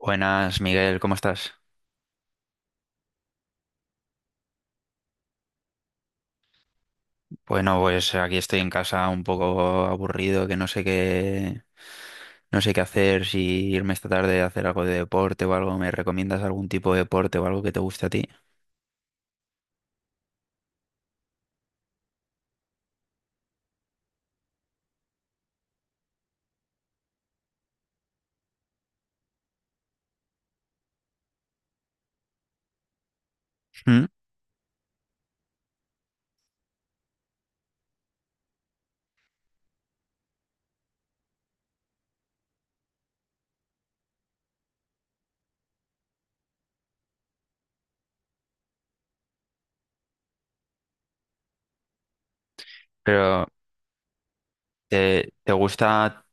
Buenas, Miguel, ¿cómo estás? Bueno, pues aquí estoy en casa un poco aburrido, que no sé qué, no sé qué hacer, si irme esta tarde a hacer algo de deporte o algo. ¿Me recomiendas algún tipo de deporte o algo que te guste a ti? Mm. Pero ¿Te gusta,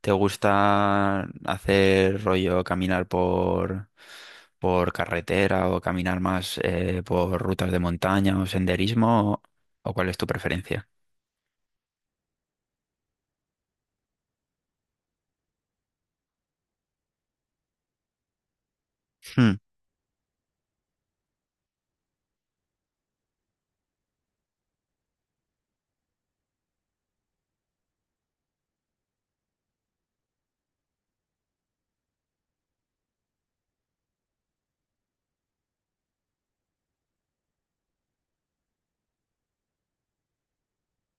te gusta hacer rollo caminar por carretera o caminar más por rutas de montaña o senderismo o cuál es tu preferencia? Mm.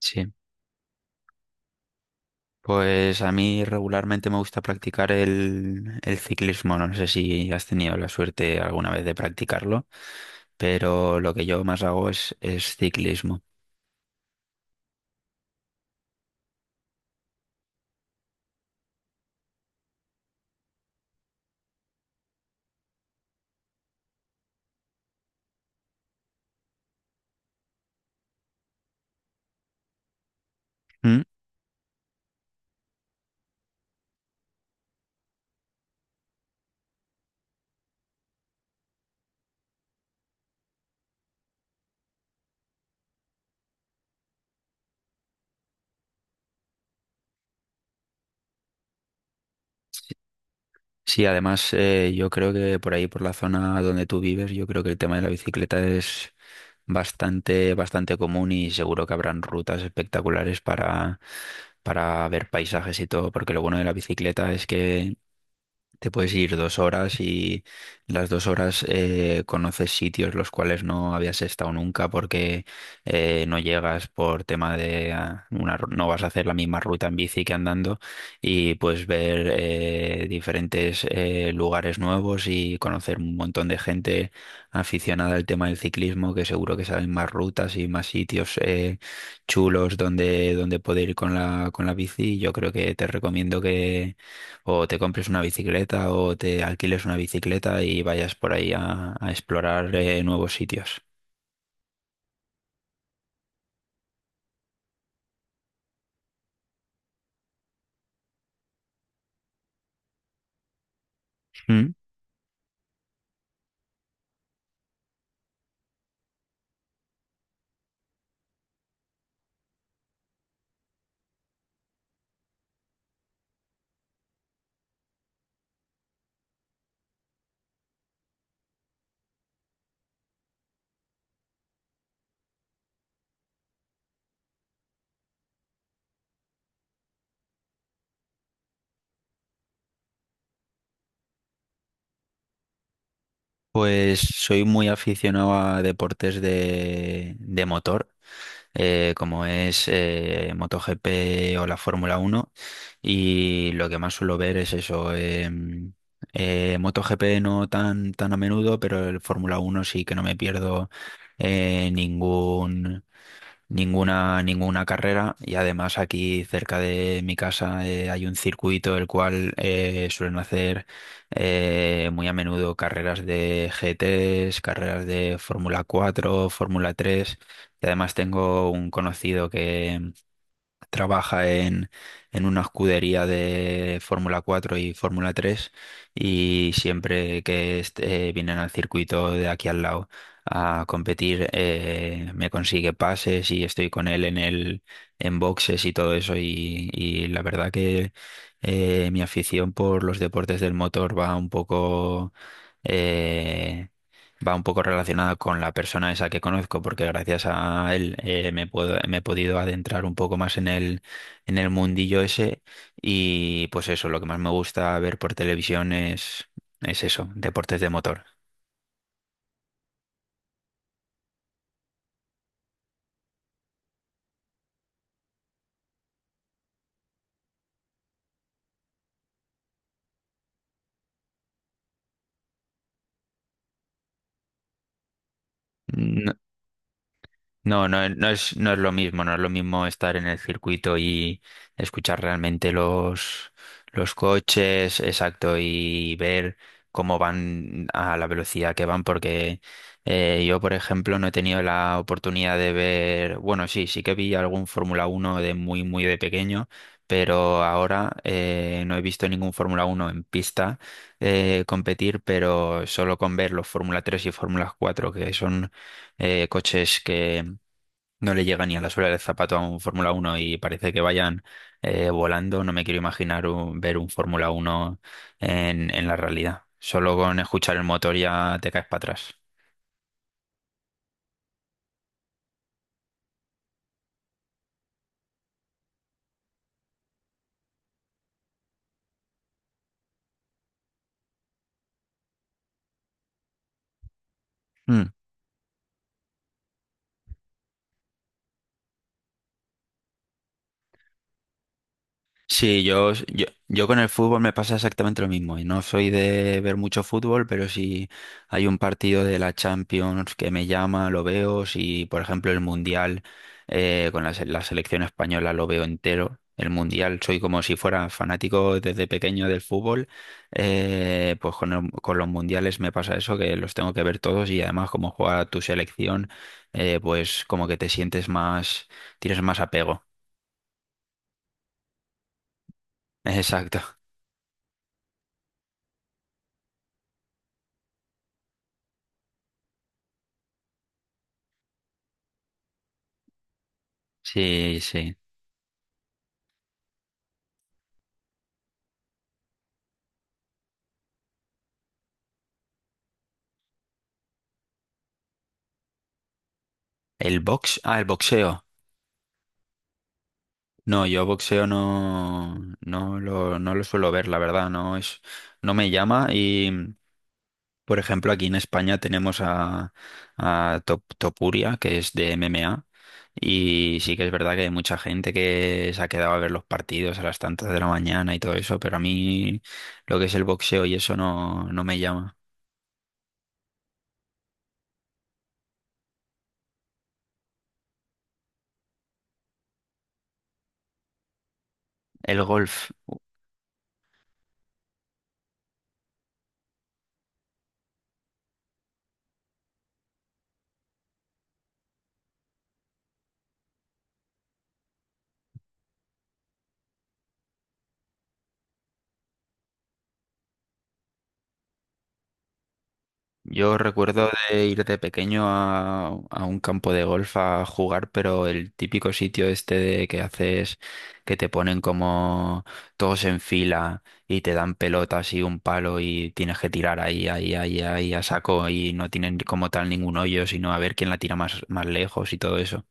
Sí. Pues a mí regularmente me gusta practicar el ciclismo. No sé si has tenido la suerte alguna vez de practicarlo, pero lo que yo más hago es ciclismo. ¿Mm? Sí, sí, además yo creo que por ahí, por la zona donde tú vives, yo creo que el tema de la bicicleta es bastante común y seguro que habrán rutas espectaculares para ver paisajes y todo, porque lo bueno de la bicicleta es que te puedes ir 2 horas y las 2 horas conoces sitios los cuales no habías estado nunca porque no llegas por tema de no vas a hacer la misma ruta en bici que andando y puedes ver diferentes lugares nuevos y conocer un montón de gente aficionada al tema del ciclismo que seguro que saben más rutas y más sitios chulos donde poder ir con con la bici. Yo creo que te recomiendo o te compres una bicicleta o te alquiles una bicicleta y vayas por ahí a explorar nuevos sitios. Mm. Pues soy muy aficionado a deportes de motor, como es MotoGP o la Fórmula Uno. Y lo que más suelo ver es eso. MotoGP no tan, tan a menudo, pero el Fórmula Uno sí que no me pierdo eh, ningún, ninguna carrera y además aquí cerca de mi casa hay un circuito el cual suelen hacer muy a menudo carreras de GTs, carreras de Fórmula 4 Fórmula 3 y además tengo un conocido trabaja en una escudería de Fórmula 4 y Fórmula 3 y siempre que vienen al circuito de aquí al lado a competir me consigue pases y estoy con él en el en boxes y todo eso y la verdad que mi afición por los deportes del motor va un poco eh, va un poco relacionada con la persona esa que conozco, porque gracias a él me he podido adentrar un poco más en en el mundillo ese y pues eso, lo que más me gusta ver por televisión es eso, deportes de motor. Mm. No es lo mismo, no es lo mismo estar en el circuito y escuchar realmente los coches, exacto, y ver cómo van a la velocidad que van, porque yo, por ejemplo, no he tenido la oportunidad de ver, bueno, sí, sí que vi algún Fórmula uno de muy, muy de pequeño, pero ahora no he visto ningún Fórmula uno en pista competir, pero solo con ver los Fórmula 3 y Fórmula 4 que son coches que no le llega ni a la suela del zapato a un Fórmula uno y parece que vayan volando. No me quiero imaginar ver un Fórmula uno en la realidad. Solo con escuchar el motor ya te caes para atrás. Sí, yo con el fútbol me pasa exactamente lo mismo. Y no soy de ver mucho fútbol, pero si hay un partido de la Champions que me llama, lo veo. Si, por ejemplo, el Mundial con la selección española lo veo entero. El Mundial, soy como si fuera fanático desde pequeño del fútbol. Pues con, con los mundiales me pasa eso, que los tengo que ver todos y además como juega tu selección, pues como que te sientes más, tienes más apego. Exacto. Sí, sí. El box, ah, el boxeo. No, yo boxeo no lo suelo ver, la verdad, no es, no me llama y, por ejemplo, aquí en España tenemos a Topuria, que es de MMA, y sí que es verdad que hay mucha gente que se ha quedado a ver los partidos a las tantas de la mañana y todo eso, pero a mí lo que es el boxeo y eso no, no me llama. El golf. Yo recuerdo de ir de pequeño a un campo de golf a jugar, pero el típico sitio este de que haces, que te ponen como todos en fila y te dan pelotas y un palo y tienes que tirar ahí a saco y no tienen como tal ningún hoyo, sino a ver quién la tira más lejos y todo eso.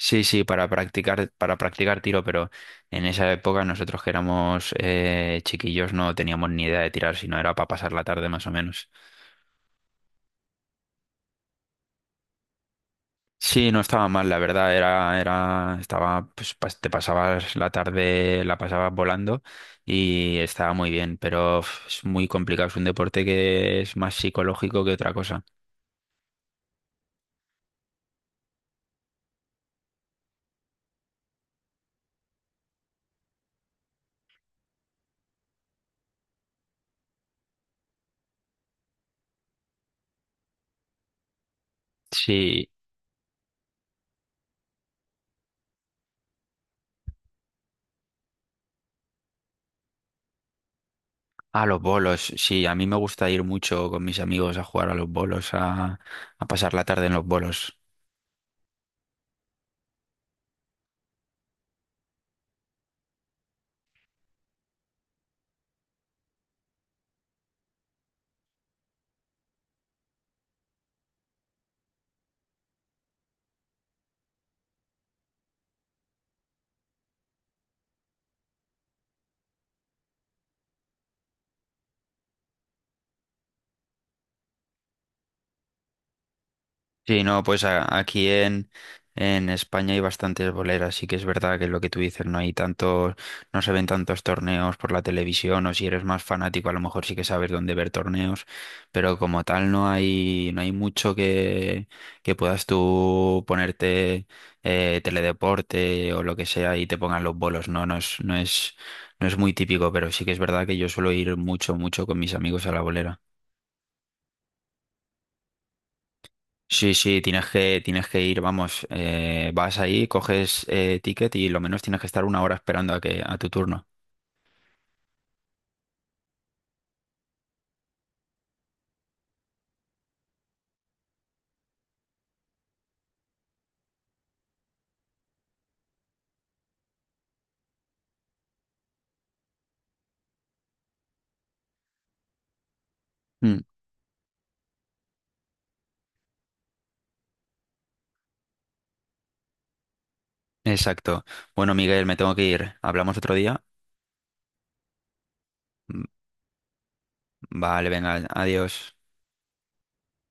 Sí, sí, para para practicar tiro, pero en esa época nosotros que éramos chiquillos no teníamos ni idea de tirar, sino era para pasar la tarde más o menos. Sí, no estaba mal, la verdad, estaba, pues te pasabas la tarde, la pasabas volando y estaba muy bien, pero uf, es muy complicado, es un deporte que es más psicológico que otra cosa. Sí, a los bolos, sí, a mí me gusta ir mucho con mis amigos a jugar a los bolos, a pasar la tarde en los bolos. Sí, no, pues aquí en España hay bastantes boleras, sí que es verdad que lo que tú dices, no hay tantos, no se ven tantos torneos por la televisión, o si eres más fanático, a lo mejor sí que sabes dónde ver torneos, pero como tal no hay, no hay mucho que puedas tú ponerte teledeporte o lo que sea y te pongan los bolos, no es muy típico, pero sí que es verdad que yo suelo ir mucho, mucho con mis amigos a la bolera. Sí, sí, tienes que ir, vamos, vas ahí, coges ticket y lo menos tienes que estar 1 hora esperando a que a tu turno. Mm. Exacto. Bueno, Miguel, me tengo que ir. ¿Hablamos otro día? Mm. Vale, venga, adiós.